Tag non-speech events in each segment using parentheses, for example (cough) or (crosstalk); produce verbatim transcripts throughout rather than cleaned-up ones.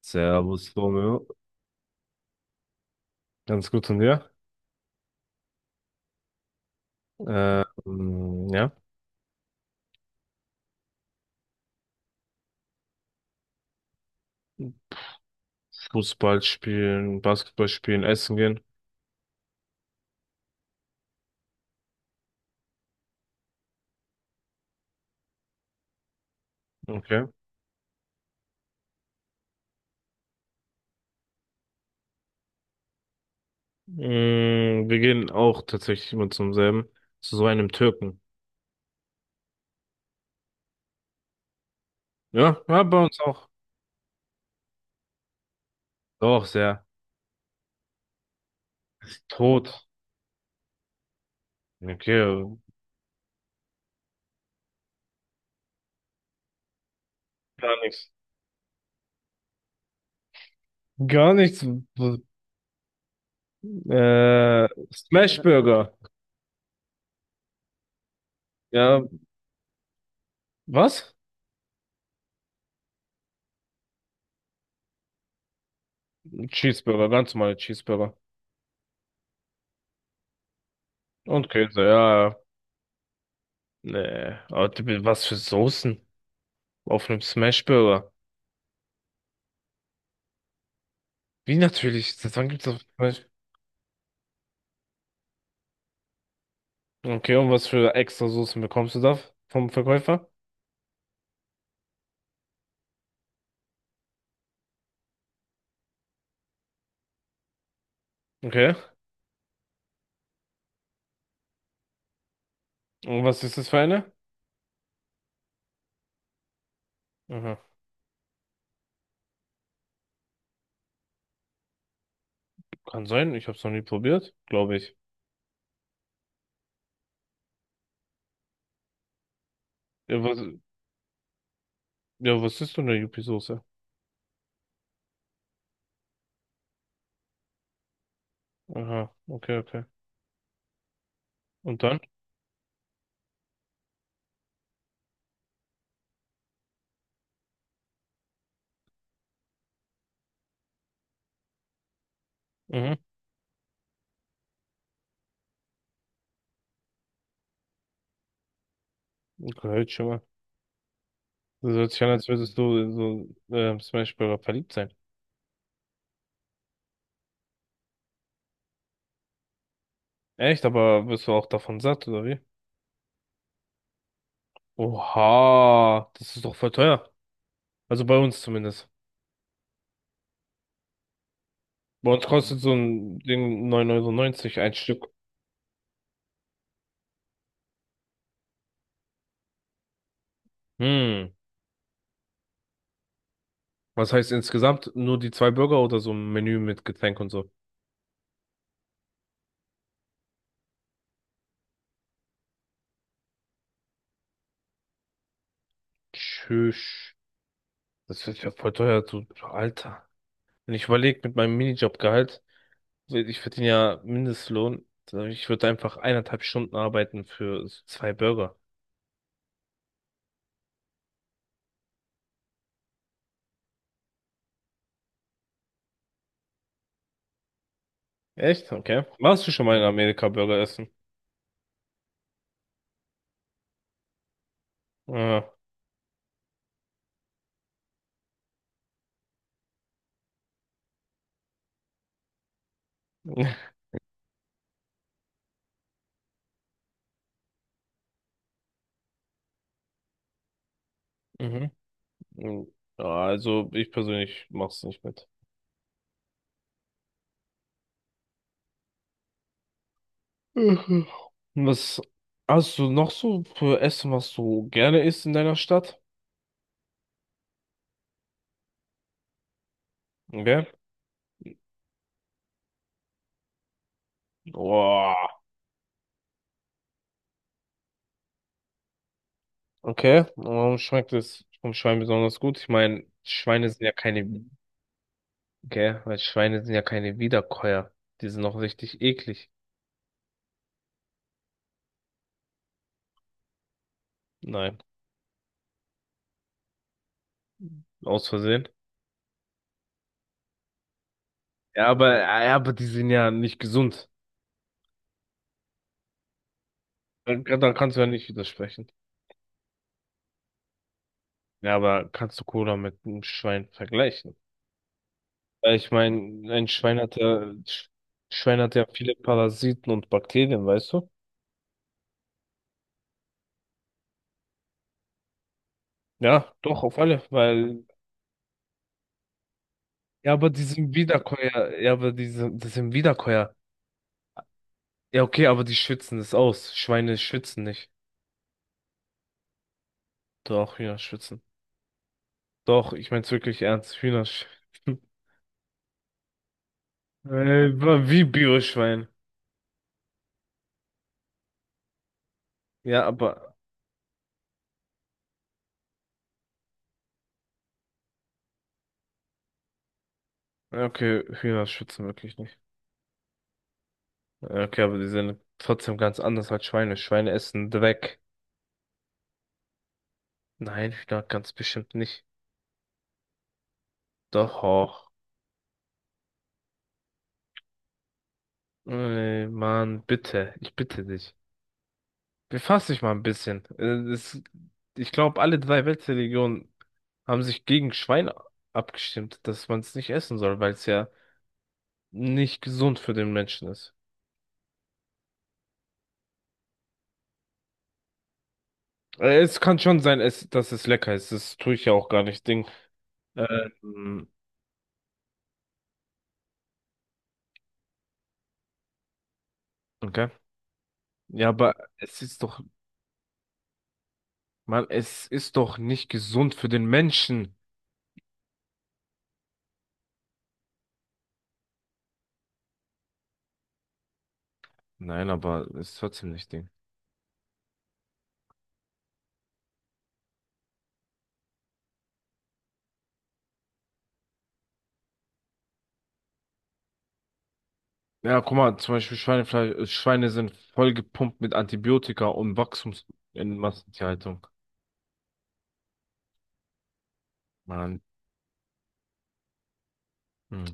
Servus, Romeo. Ganz gut von dir. Ähm, ja. Fußball spielen, Basketball spielen, essen gehen. Okay. Mm, wir gehen auch tatsächlich immer zum selben. Zu so einem Türken. Ja, ja, bei uns auch. Doch, sehr. Ist tot. Okay, gar nichts. Gar nichts. Äh, Smashburger. Ja, was? Cheeseburger, ganz normale Cheeseburger. Und Käse, ja, ja. Nee, aber du- was für Soßen auf einem Smashburger? Wie natürlich? Seit wann gibt's das? Okay, und was für extra Soßen bekommst du da vom Verkäufer? Okay. Und was ist das für eine? Aha. Kann sein, ich hab's noch nie probiert, glaube ich. Ja, was, ja, was ist denn eine Yuppie-Soße? Aha, okay, okay. Und dann? Mhm. Okay, schon mal. Das hört sich an, als würdest du in so ähm, Smash Burger verliebt sein. Echt, aber wirst du auch davon satt, oder wie? Oha, das ist doch voll teuer. Also bei uns zumindest. Bei uns kostet so ein Ding 9,90 Euro neunzig ein Stück. Hm. Was heißt insgesamt, nur die zwei Burger oder so ein Menü mit Getränk und so? Tschüss. Das wird ja voll teuer, du Alter. Wenn ich überlege mit meinem Minijobgehalt, ich verdiene ja Mindestlohn, ich würde einfach eineinhalb Stunden arbeiten für so zwei Burger. Echt? Okay. Warst du schon mal in Amerika Burger essen? Ja. (laughs) Mhm. Ja, also ich persönlich mach's nicht mit. Mhm. Was hast du noch so für Essen, was du gerne isst in deiner Stadt? Okay. Boah. Okay, warum schmeckt es vom Schwein besonders gut? Ich meine, Schweine sind ja keine, gell, weil Schweine sind ja keine Wiederkäuer. Die sind noch richtig eklig. Nein, aus Versehen. Ja, aber, ja, ja, aber die sind ja nicht gesund. Dann, dann kannst du ja nicht widersprechen. Ja, aber kannst du Cola mit einem Schwein vergleichen? Weil ich meine, ein Schwein hat ja, Sch- Schwein hat ja viele Parasiten und Bakterien, weißt du? Ja, doch, auf alle, weil ja, aber die sind Wiederkäuer. Ja, aber die sind, das sind Wiederkäuer. Ja, okay, aber die schützen das aus. Schweine schützen nicht. Doch, Hühner schützen. Doch, ich mein's wirklich ernst. Hühner schützen. (laughs) Äh, Wie Bioschwein. Ja, aber, ja, okay, Hühner schützen wirklich nicht. Ja, okay, aber die sind trotzdem ganz anders als Schweine. Schweine essen Dreck. Nein, Hühner ganz bestimmt nicht. Doch. Ey, Mann, bitte. Ich bitte dich. Befass dich mal ein bisschen. Äh, Es, ich glaube, alle drei Weltreligionen haben sich gegen Schwein abgestimmt, dass man es nicht essen soll, weil es ja nicht gesund für den Menschen ist. Äh, Es kann schon sein, es, dass es lecker ist. Das tue ich ja auch gar nicht. Ding. Ähm, okay. Ja, aber es ist doch, Mann, es ist doch nicht gesund für den Menschen. Nein, aber es ist trotzdem nicht Ding. Ja, guck mal, zum Beispiel Schweinefleisch, äh, Schweine sind vollgepumpt mit Antibiotika und Wachstum in Massentierhaltung. Mann. Hm.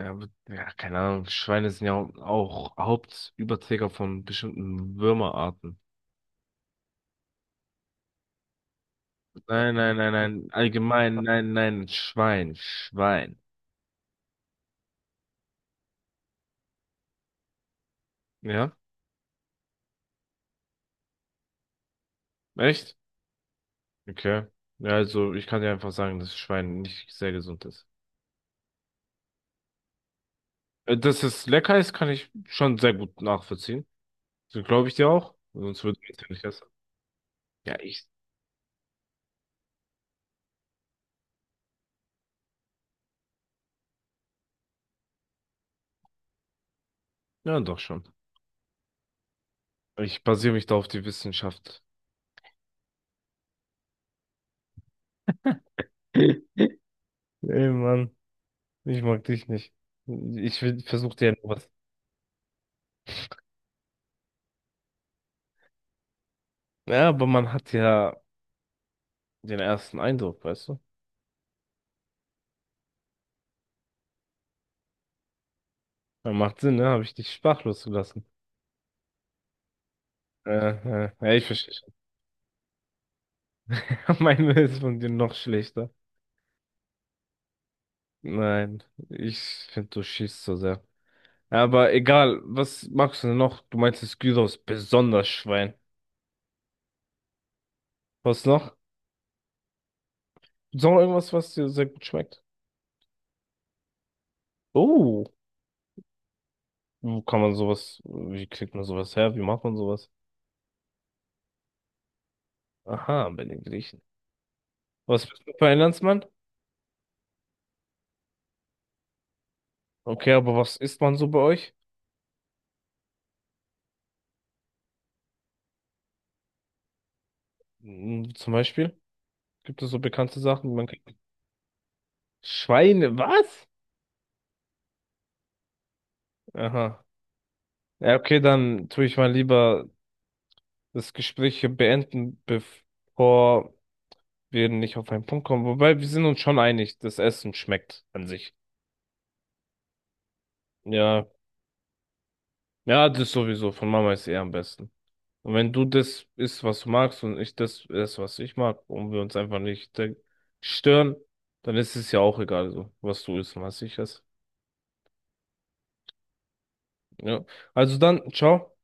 Ja, aber- ja, keine Ahnung. Schweine sind ja auch auch Hauptüberträger von bestimmten Würmerarten. Nein, nein, nein, nein. Allgemein, nein, nein. Schwein, Schwein. Ja? Echt? Okay. Ja, also ich kann dir einfach sagen, dass Schwein nicht sehr gesund ist. Äh, Dass es lecker ist, kann ich schon sehr gut nachvollziehen. So glaube ich dir auch. Sonst würde ich es ja nicht essen. Ja, ich. Ja, doch schon. Ich basiere mich da auf die Wissenschaft. (laughs) Ey, Mann, ich mag dich nicht. Ich versuche versuch dir etwas. Ja, aber man hat ja den ersten Eindruck, weißt du? Ja, macht Sinn, ne? Habe ich dich sprachlos gelassen. Äh, äh, ja, ich verstehe schon. (laughs) Meine ist von dir noch schlechter. Nein, ich finde, du schießt so sehr. Ja, aber egal, was magst du denn noch? Du meinst, das Gyros ist besonders Schwein. Was noch? Ist noch irgendwas, was dir sehr gut schmeckt? Oh, wo kann man sowas, wie kriegt man sowas her? Wie macht man sowas? Aha, bei den Griechen. Was bist du für ein Landsmann? Okay, aber was isst man so bei euch? Hm, zum Beispiel? Gibt es so bekannte Sachen, die man kriegt? Schweine, was? Aha. Ja, okay, dann tue ich mal lieber das Gespräch hier beenden, bevor wir nicht auf einen Punkt kommen. Wobei, wir sind uns schon einig, das Essen schmeckt an sich. Ja, ja, das sowieso. Von Mama ist eh am besten. Und wenn du das isst, was du magst, und ich das esse, was ich mag, und wir uns einfach nicht äh, stören, dann ist es ja auch egal, so, was du isst und was ich esse. Ja. Also dann, ciao.